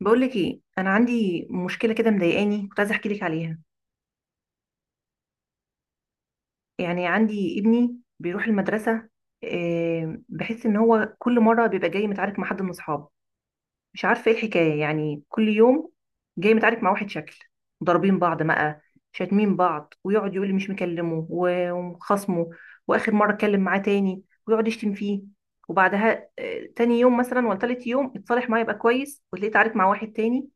بقولك ايه، انا عندي مشكله كده مضايقاني، كنت عايزه احكي لك عليها. يعني عندي ابني بيروح المدرسه. بحس ان هو كل مره بيبقى جاي متعارك مع حد من اصحابه. مش عارفه ايه الحكايه، يعني كل يوم جاي متعارك مع واحد شكل. ضاربين بعض بقى، شاتمين بعض، ويقعد يقول لي مش مكلمه وخصمه. واخر مره اتكلم معاه تاني ويقعد يشتم فيه. وبعدها تاني يوم مثلا ولا تالت يوم اتصالح معاه يبقى كويس، وتلاقيه اتعارك مع واحد تاني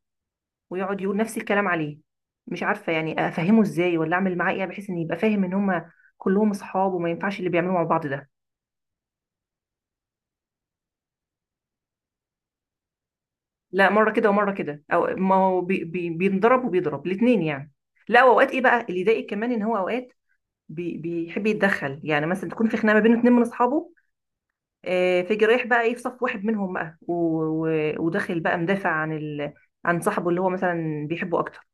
ويقعد يقول نفس الكلام عليه. مش عارفه يعني افهمه ازاي ولا اعمل معاه ايه، بحيث ان يبقى فاهم ان هما كلهم اصحاب وما ينفعش اللي بيعملوه مع بعض ده. لا، مره كده ومره كده، او ما هو بي بي بينضرب وبيضرب الاثنين يعني. لا، واوقات ايه بقى اللي يضايق كمان، ان هو اوقات بيحب يتدخل، يعني مثلا تكون في خناقه ما بين اتنين من اصحابه. فيجي رايح بقى ايه، في صف واحد منهم بقى، وداخل بقى مدافع عن عن صاحبه اللي هو مثلا بيحبه اكتر.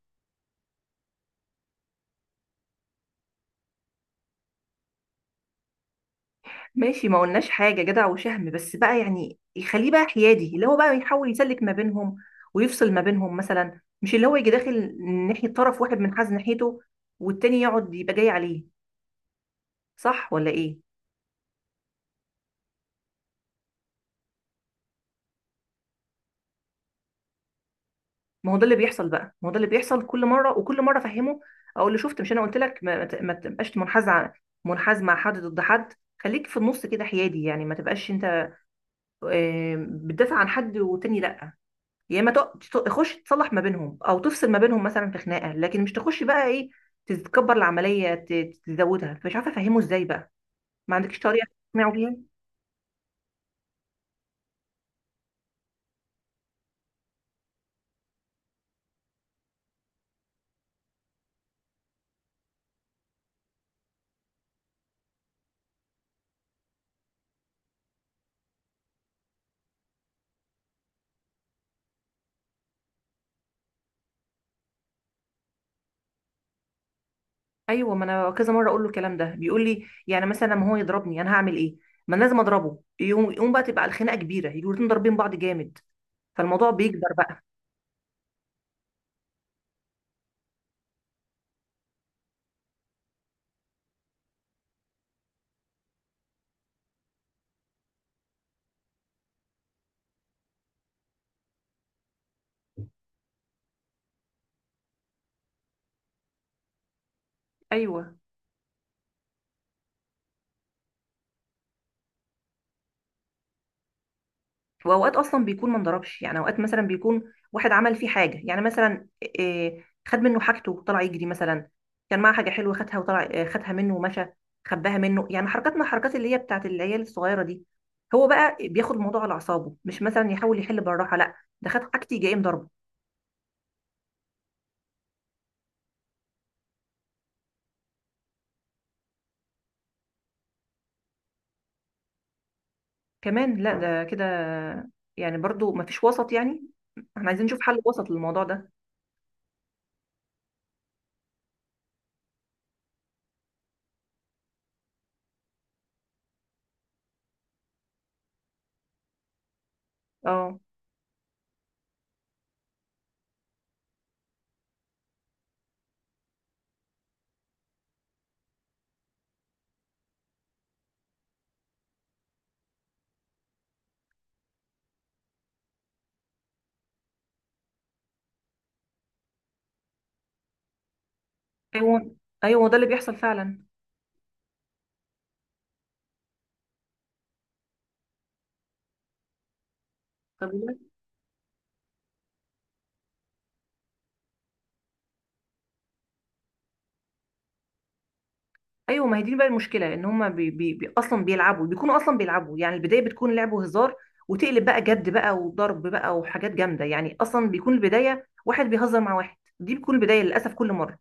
ماشي، ما قلناش حاجة، جدع وشهم، بس بقى يعني يخليه بقى حيادي، اللي هو بقى يحاول يسلك ما بينهم ويفصل ما بينهم مثلا، مش اللي هو يجي داخل ناحية طرف واحد منحاز ناحيته، والتاني يقعد يبقى جاي عليه. صح ولا ايه؟ ما هو ده اللي بيحصل بقى، ما هو ده اللي بيحصل كل مرة، وكل مرة افهمه، اقول له شفت؟ مش انا قلت لك ما تبقاش منحاز منحاز مع حد ضد حد. خليك في النص كده حيادي، يعني ما تبقاش انت بتدافع عن حد والتاني لا. يا اما تخش تصلح ما بينهم او تفصل ما بينهم مثلا في خناقه، لكن مش تخش بقى ايه، تتكبر العمليه، تزودها، فمش عارفه افهمه ازاي بقى. ما عندكش طريقه تقنعه بيها؟ ايوه، ما انا كذا مره اقول له الكلام ده، بيقول لي يعني مثلا لما هو يضربني انا هعمل ايه؟ ما أنا لازم اضربه، يقوم بقى تبقى الخناقه كبيره، يجوا الاتنين ضاربين بعض جامد، فالموضوع بيكبر بقى. ايوه، واوقات اصلا بيكون ما انضربش، يعني اوقات مثلا بيكون واحد عمل فيه حاجه، يعني مثلا إيه، خد منه حاجته وطلع يجري مثلا. كان معاه حاجه حلوه، خدها وطلع، خدها منه ومشى، خباها منه، يعني حركات من الحركات اللي هي بتاعت العيال الصغيره دي. هو بقى بياخد الموضوع على اعصابه، مش مثلا يحاول يحل بالراحه، لا، ده خد حاجتي جاي مضربه كمان. لا ده كده، يعني برضو ما فيش وسط يعني. احنا عايزين نشوف حل وسط للموضوع ده. اه. ايوه، ايوه، ده اللي بيحصل فعلا. طب. ايوه، ما هي دي بقى المشكله، ان هما بي بي بي اصلا بيلعبوا بيكونوا اصلا بيلعبوا، يعني البدايه بتكون لعب وهزار، وتقلب بقى جد بقى وضرب بقى وحاجات جامده، يعني اصلا بيكون البدايه واحد بيهزر مع واحد، دي بتكون البدايه للاسف كل مره.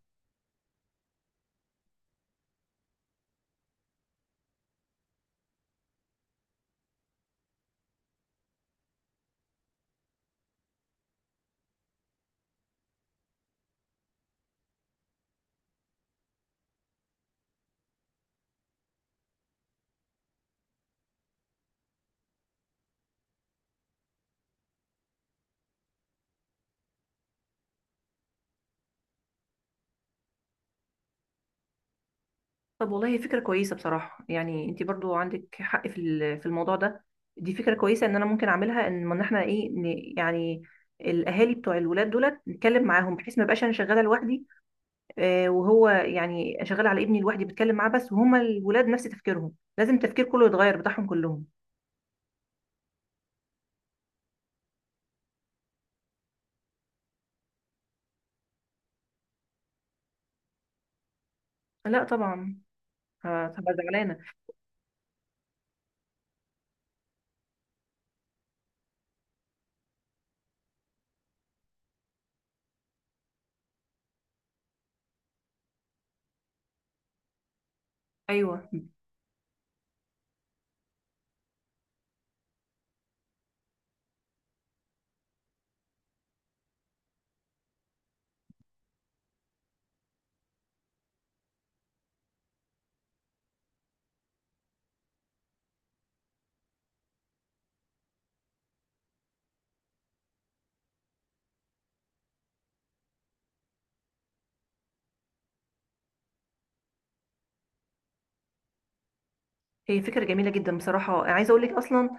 طب والله هي فكره كويسه بصراحه، يعني انت برضو عندك حق في في الموضوع ده. دي فكره كويسه ان انا ممكن اعملها، ان ما احنا ايه يعني الاهالي بتوع الولاد دولت نتكلم معاهم، بحيث ما بقاش انا شغاله لوحدي، وهو يعني شغال على ابني لوحدي بتكلم معاه بس، وهما الولاد نفس تفكيرهم، لازم التفكير كله يتغير بتاعهم كلهم. لا طبعا. هبقى زعلانه. ايوه. هي فكره جميله جدا بصراحه، عايزه اقول لك اصلا،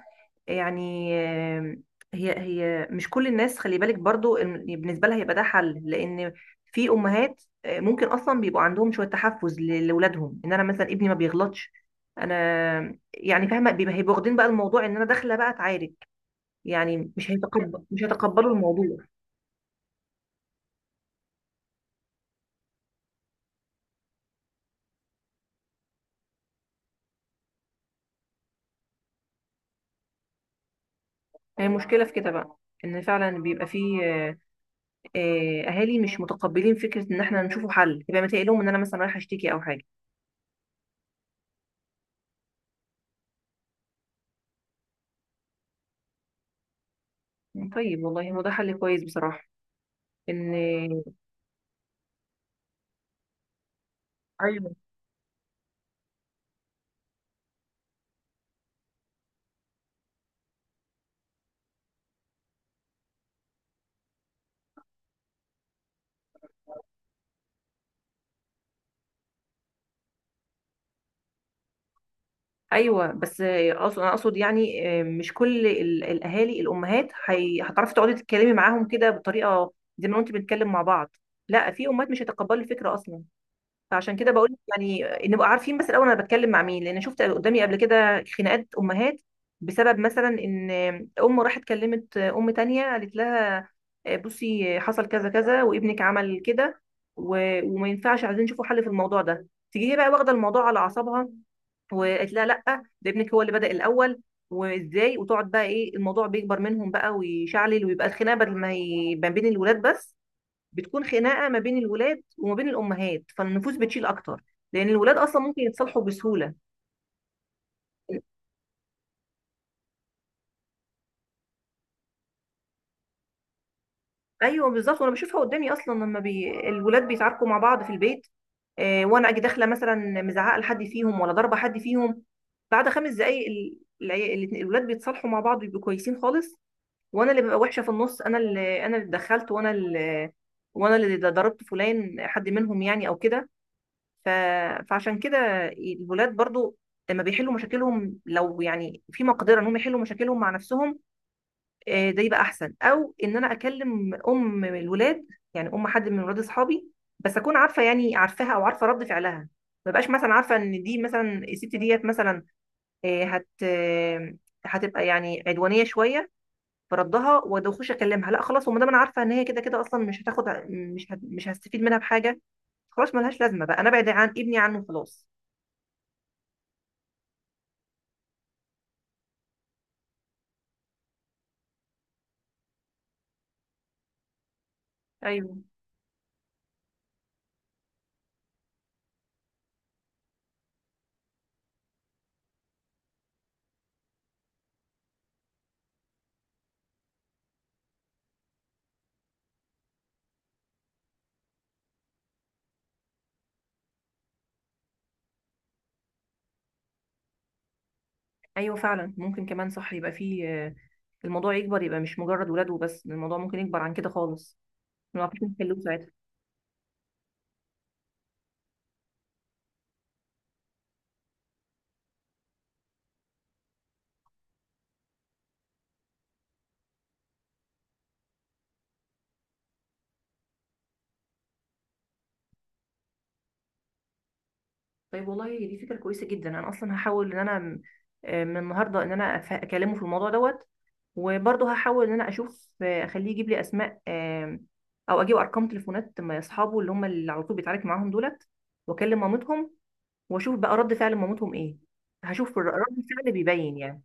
يعني هي مش كل الناس، خلي بالك برضو إن بالنسبه لها هيبقى ده حل، لان في امهات ممكن اصلا بيبقوا عندهم شويه تحفظ لاولادهم، ان انا مثلا ابني ما بيغلطش، انا يعني فاهمه، بيبقى هيبقوا واخدين بقى الموضوع ان انا داخله بقى اتعارك، يعني مش هيتقبلوا الموضوع. هي مشكلة في كده بقى، ان فعلا بيبقى فيه اهالي مش متقبلين فكرة ان احنا نشوفوا حل، يبقى متقلهم لهم ان انا مثلا رايحة اشتكي او حاجة. طيب والله هو ده حل كويس بصراحة. ان. ايوه. ايوه، بس انا اقصد، يعني مش كل الاهالي، الامهات هتعرفي تقعدي تتكلمي معاهم كده بطريقة زي ما انت بنتكلم مع بعض. لا، في امهات مش هيتقبلوا الفكرة اصلا. فعشان كده بقول لك، يعني نبقى عارفين بس الاول انا بتكلم مع مين، لان شفت قدامي قبل كده خناقات امهات بسبب مثلا ان ام راحت كلمت ام تانية، قالت لها بصي حصل كذا كذا وابنك عمل كده، وما ينفعش، عايزين نشوفوا حل في الموضوع ده، تيجي هي بقى واخده الموضوع على اعصابها وقالت لها لا، ده ابنك هو اللي بدأ الاول، وازاي، وتقعد بقى ايه، الموضوع بيكبر منهم بقى ويشعلل، ويبقى الخناقه بدل ما هي ما بين الولاد بس، بتكون خناقه ما بين الولاد وما بين الامهات، فالنفوس بتشيل اكتر، لان الولاد اصلا ممكن يتصالحوا بسهوله. ايوه بالظبط، وانا بشوفها قدامي اصلا لما الولاد بيتعاركوا مع بعض في البيت، وانا اجي داخله مثلا مزعقه لحد فيهم ولا ضاربه حد فيهم، بعد 5 دقائق الولاد بيتصالحوا مع بعض، بيبقوا كويسين خالص، وانا اللي ببقى وحشه في النص، انا اللي اتدخلت، وانا اللي ضربت فلان، حد منهم يعني او كده، ف... فعشان كده الولاد برضو لما بيحلوا مشاكلهم، لو يعني في مقدرة انهم يحلوا مشاكلهم مع نفسهم، ده يبقى احسن، او ان انا اكلم ام الولاد، يعني ام حد من ولاد اصحابي، بس اكون عارفة يعني، عارفاها او عارفة رد فعلها. ما بقاش مثلا عارفة ان دي مثلا الست ديت مثلا، آه، هت آه، هتبقى يعني عدوانية شوية في ردها، واخش اكلمها؟ لا خلاص، وما دام انا عارفه ان هي كده كده اصلا مش هتاخد، مش هستفيد منها بحاجه، خلاص ملهاش لازمه بقى، انا ابعد عن ابني، عنه خلاص. ايوه. ايوه فعلا ممكن كمان، صح، يبقى فيه الموضوع يكبر، يبقى مش مجرد ولاد وبس، الموضوع ممكن يكبر عن كده خالص. ما نعرفش نحله ساعتها. طيب والله دي فكره كويسه جدا، انا اصلا هحاول ان انا من النهارده ان انا اكلمه في الموضوع دوت، وبرضه هحاول ان انا اشوف، اخليه يجيب لي اسماء، او اجيب ارقام تليفونات اصحابه اللي هم اللي على طول بيتعارك معاهم دولت، واكلم مامتهم، واشوف بقى رد فعل مامتهم ايه. هشوف رد الفعل بيبين يعني،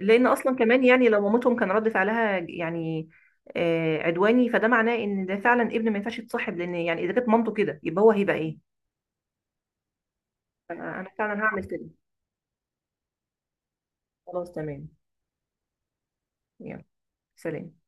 لان اصلا كمان، يعني لو مامتهم كان رد فعلها يعني عدواني، فده معناه ان ده فعلا ابن ما ينفعش يتصاحب، لان يعني اذا كانت مامته كده يبقى هو هيبقى ايه. انا فعلا هعمل كده. خلاص تمام. يلا سلام.